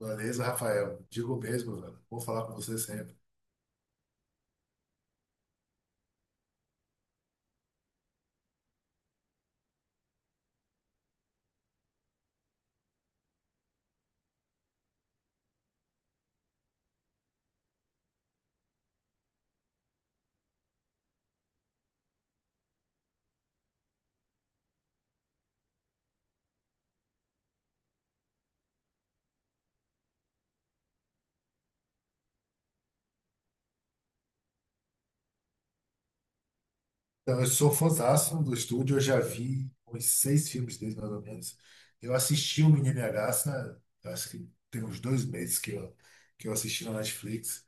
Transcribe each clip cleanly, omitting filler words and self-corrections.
Beleza, Rafael. Digo mesmo, velho. Vou falar com você sempre. Então, eu sou fãzasso do estúdio, eu já vi uns seis filmes deles, mais ou menos. Eu assisti o Menino e a Garça, eu acho que tem uns dois meses que eu assisti na Netflix.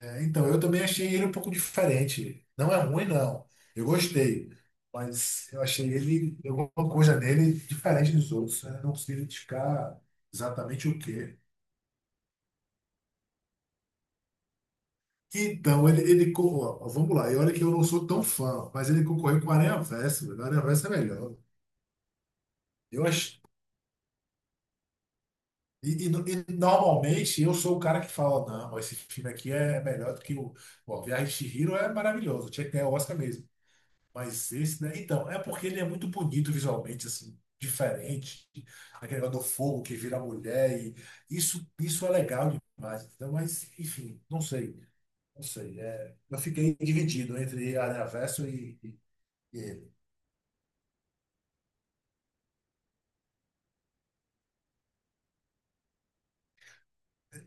Então, eu também achei ele um pouco diferente. Não é ruim, não. Eu gostei, mas eu achei ele, alguma coisa nele diferente dos outros, né? Não consegui identificar exatamente o que. Então, ele co- ó, ó, vamos lá, e olha que eu não sou tão fã, mas ele concorreu com o Aranha Versa, velho. O Aranha Versa é melhor. Eu acho, e no- e normalmente eu sou o cara que fala, não, ó, esse filme aqui é melhor do que o. Ó, Viagem de Chihiro é maravilhoso, tinha que ganhar o Oscar mesmo. Mas esse, né? Então, é porque ele é muito bonito visualmente, assim, diferente. Aquele negócio do fogo que vira mulher, e isso é legal demais. Então, mas, enfim, não sei, não sei. Eu fiquei dividido entre Aranha Verso e. E-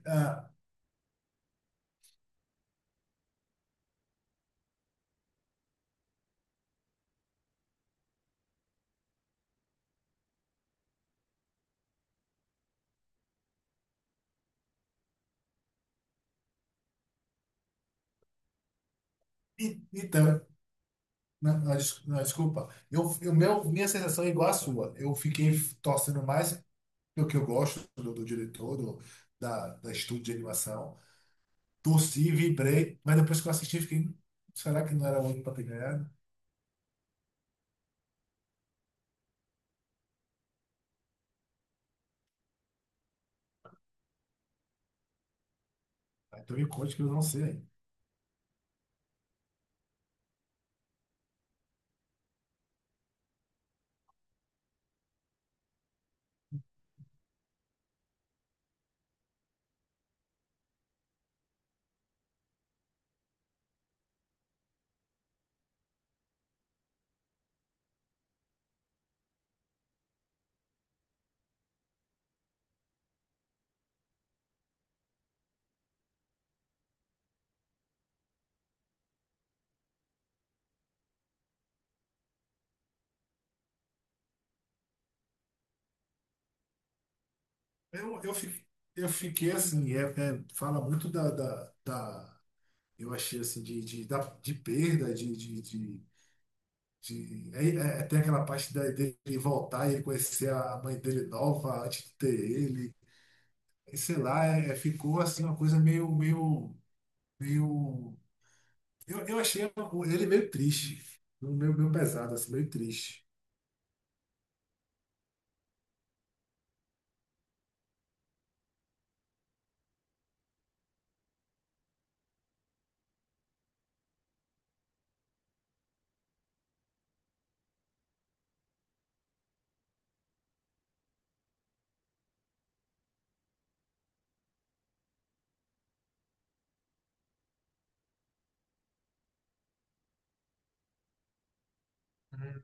ah, e- então, não, desculpa. Minha sensação é igual à sua. Eu fiquei torcendo mais pelo que eu gosto do diretor, da estúdio de animação. Torci, vibrei, mas depois que eu assisti, fiquei, será que não era o único para ter ganhado?" Então me conte que eu não sei. Eu, eu, fi- eu fiquei assim, fala muito da Eu achei assim, de perda, de- é, tem aquela parte da, dele voltar e ele conhecer a mãe dele nova antes de ter ele. E sei lá, ficou assim uma coisa meio. Eu achei o- ele meio triste. Meio pesado, assim, meio triste. Hum.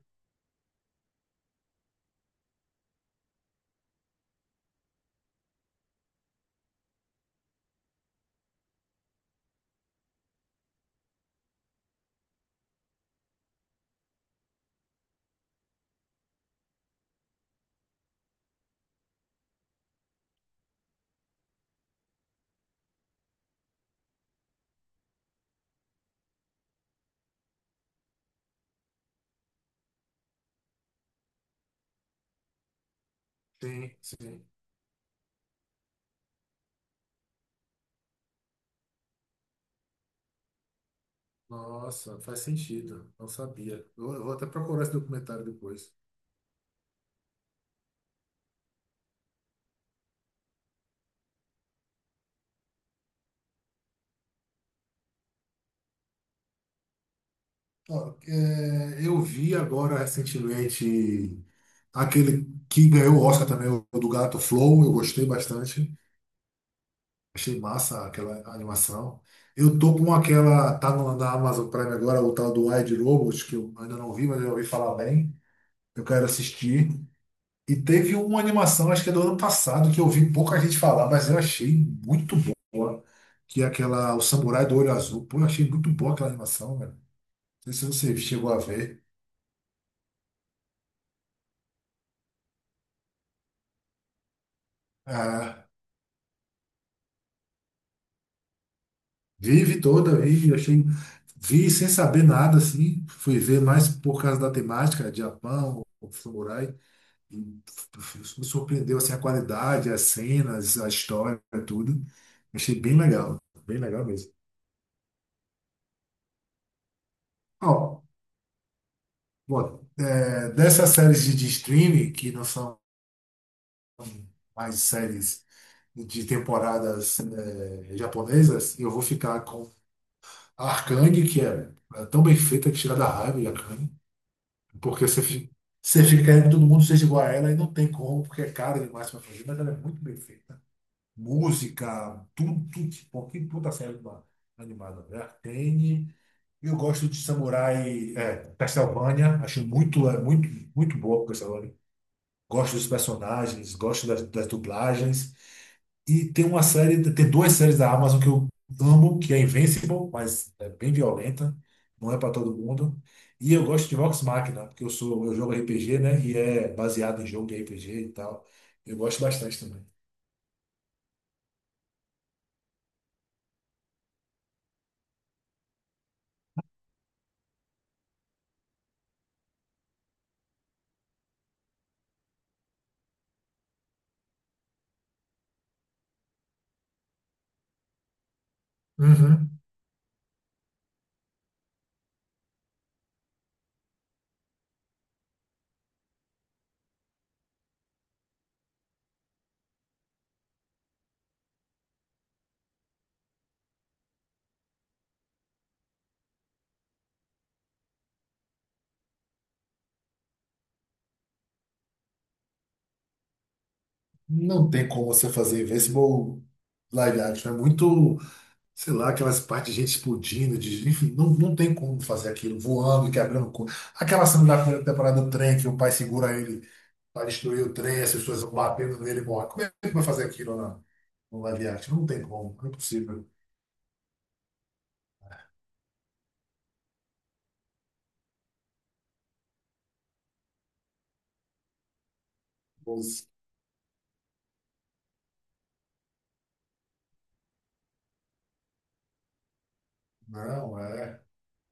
Sim, sim. Nossa, faz sentido. Não sabia. Eu vou até procurar esse documentário depois. Ó, eu vi agora recentemente aquele que ganhou o Oscar também, o do Gato Flow. Eu gostei bastante. Achei massa aquela animação. Eu tô com aquela. Tá no, na Amazon Prime agora, o tal do Wide Robot, que eu ainda não vi, mas eu ouvi falar bem. Eu quero assistir. E teve uma animação, acho que é do ano passado, que eu vi pouca gente falar, mas eu achei muito boa. Que é aquela, o Samurai do Olho Azul. Pô, eu achei muito boa aquela animação, velho. Não sei se você chegou a ver. Ah, vive toda, vi, achei. Vi sem saber nada, assim. Fui ver mais por causa da temática, Japão, o Samurai. E me surpreendeu, assim, a qualidade, as cenas, a história, tudo. Achei bem legal mesmo. Ó, bom, dessas séries de streaming, que não são mais séries de temporadas japonesas, eu vou ficar com a Arcane, é tão bem feita que tira da raiva de Arcane, porque você fica querendo que todo mundo seja igual a ela e não tem como, porque é cara demais para fazer, mas ela é muito bem feita. Música, tudo, tudo, tipo, que puta série uma- animada, né? Arcane. Eu gosto de Samurai Castlevania, acho muito, muito boa Castlevania. Gosto dos personagens, gosto das dublagens. E tem uma série, tem duas séries da Amazon que eu amo, que é Invincible, mas é bem violenta, não é para todo mundo. E eu gosto de Vox Machina, porque eu sou, eu jogo RPG, né? E é baseado em jogo de RPG e tal. Eu gosto bastante também. Uhum. Não tem como você fazer Invincible live action. É muito, sei lá, aquelas partes de gente explodindo, de, enfim, não tem como fazer aquilo, voando e quebrando. Aquela cena da primeira temporada do trem que o pai segura ele, vai destruir o trem, as pessoas vão batendo nele e morrem. Como é que vai fazer aquilo no live action? Não tem como, não é possível. Os- Não, é.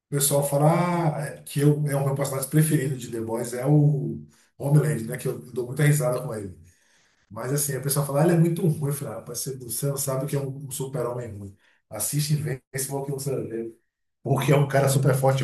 O pessoal fala ah, é, o meu personagem preferido de The Boys é o Homeland, né? Que eu dou muita risada com ele. Mas assim, a pessoa fala, ah, ele é muito ruim. Eu falo, ah, rapaz, você não sabe o que é um super-homem ruim. Assiste e vê se for o que você vê. Porque é um cara super forte.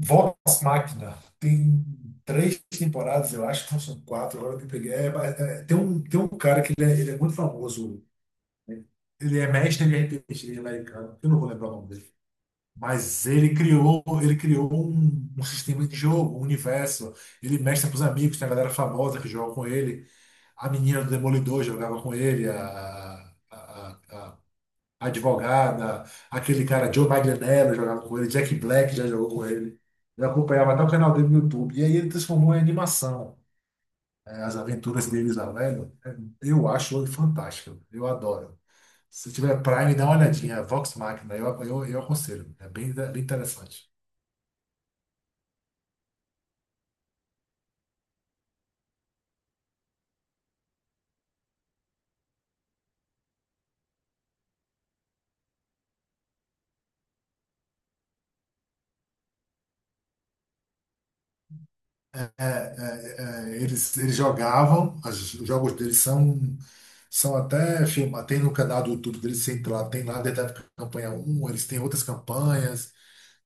Vox Machina tem três temporadas, eu acho que não são quatro, agora que eu peguei. É, mas, é, tem um cara ele é muito famoso, ele é mestre em RPG americano, eu não vou lembrar o nome dele. Mas ele criou um sistema de jogo, um universo. Ele mestra para os amigos, tem a galera famosa que joga com ele. A menina do Demolidor jogava com ele, a advogada, aquele cara Joe Manganiello jogava com ele, Jack Black já jogou com ele. Eu acompanhava até o canal dele no YouTube. E aí ele transformou em animação. É, as aventuras deles lá, velho. Eu acho ele fantástico. Eu adoro. Se tiver Prime, dá uma olhadinha. É Vox Machina, eu aconselho. É bem, bem interessante. É, é, eles jogavam, os jogos deles são, são até filmados. Tem no canal do YouTube deles, tem lá desde a época da campanha um eles têm outras campanhas,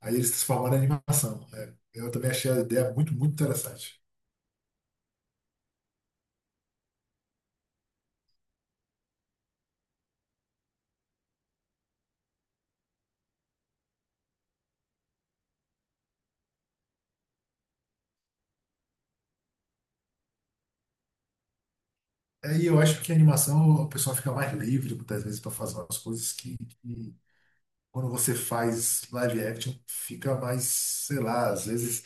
aí eles transformaram em animação. É, eu também achei a ideia muito, muito interessante. É, e eu acho que a animação o pessoal fica mais livre muitas vezes para fazer umas coisas que, quando você faz live action, fica mais, sei lá, às vezes,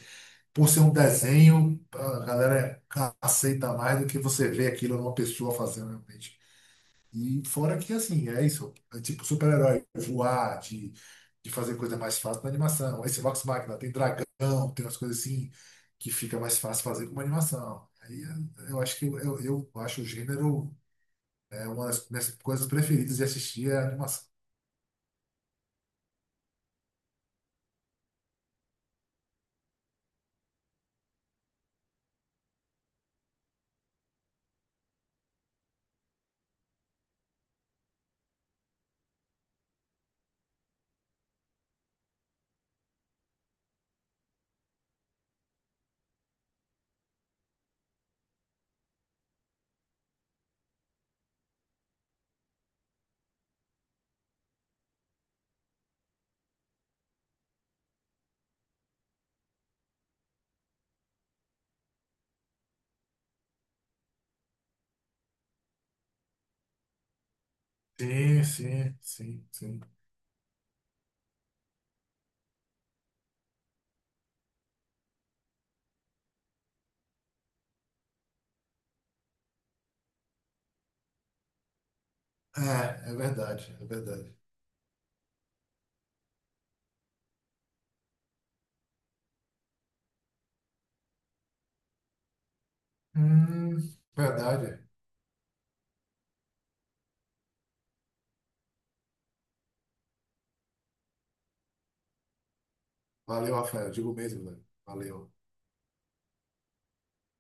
por ser um desenho, a galera aceita mais do que você vê aquilo numa pessoa fazendo realmente. E fora que, assim, é isso. É tipo super-herói, voar, de fazer coisa mais fácil na animação. Esse Vox Machina tem dragão, tem umas coisas assim que fica mais fácil fazer com uma animação. Aí eu acho que eu acho o gênero é uma das minhas coisas preferidas de assistir é a animação. Sim, sim, sim, sim. É, é verdade, é verdade. Hum, verdade. Valeu, Rafael. Digo mesmo, velho. Valeu.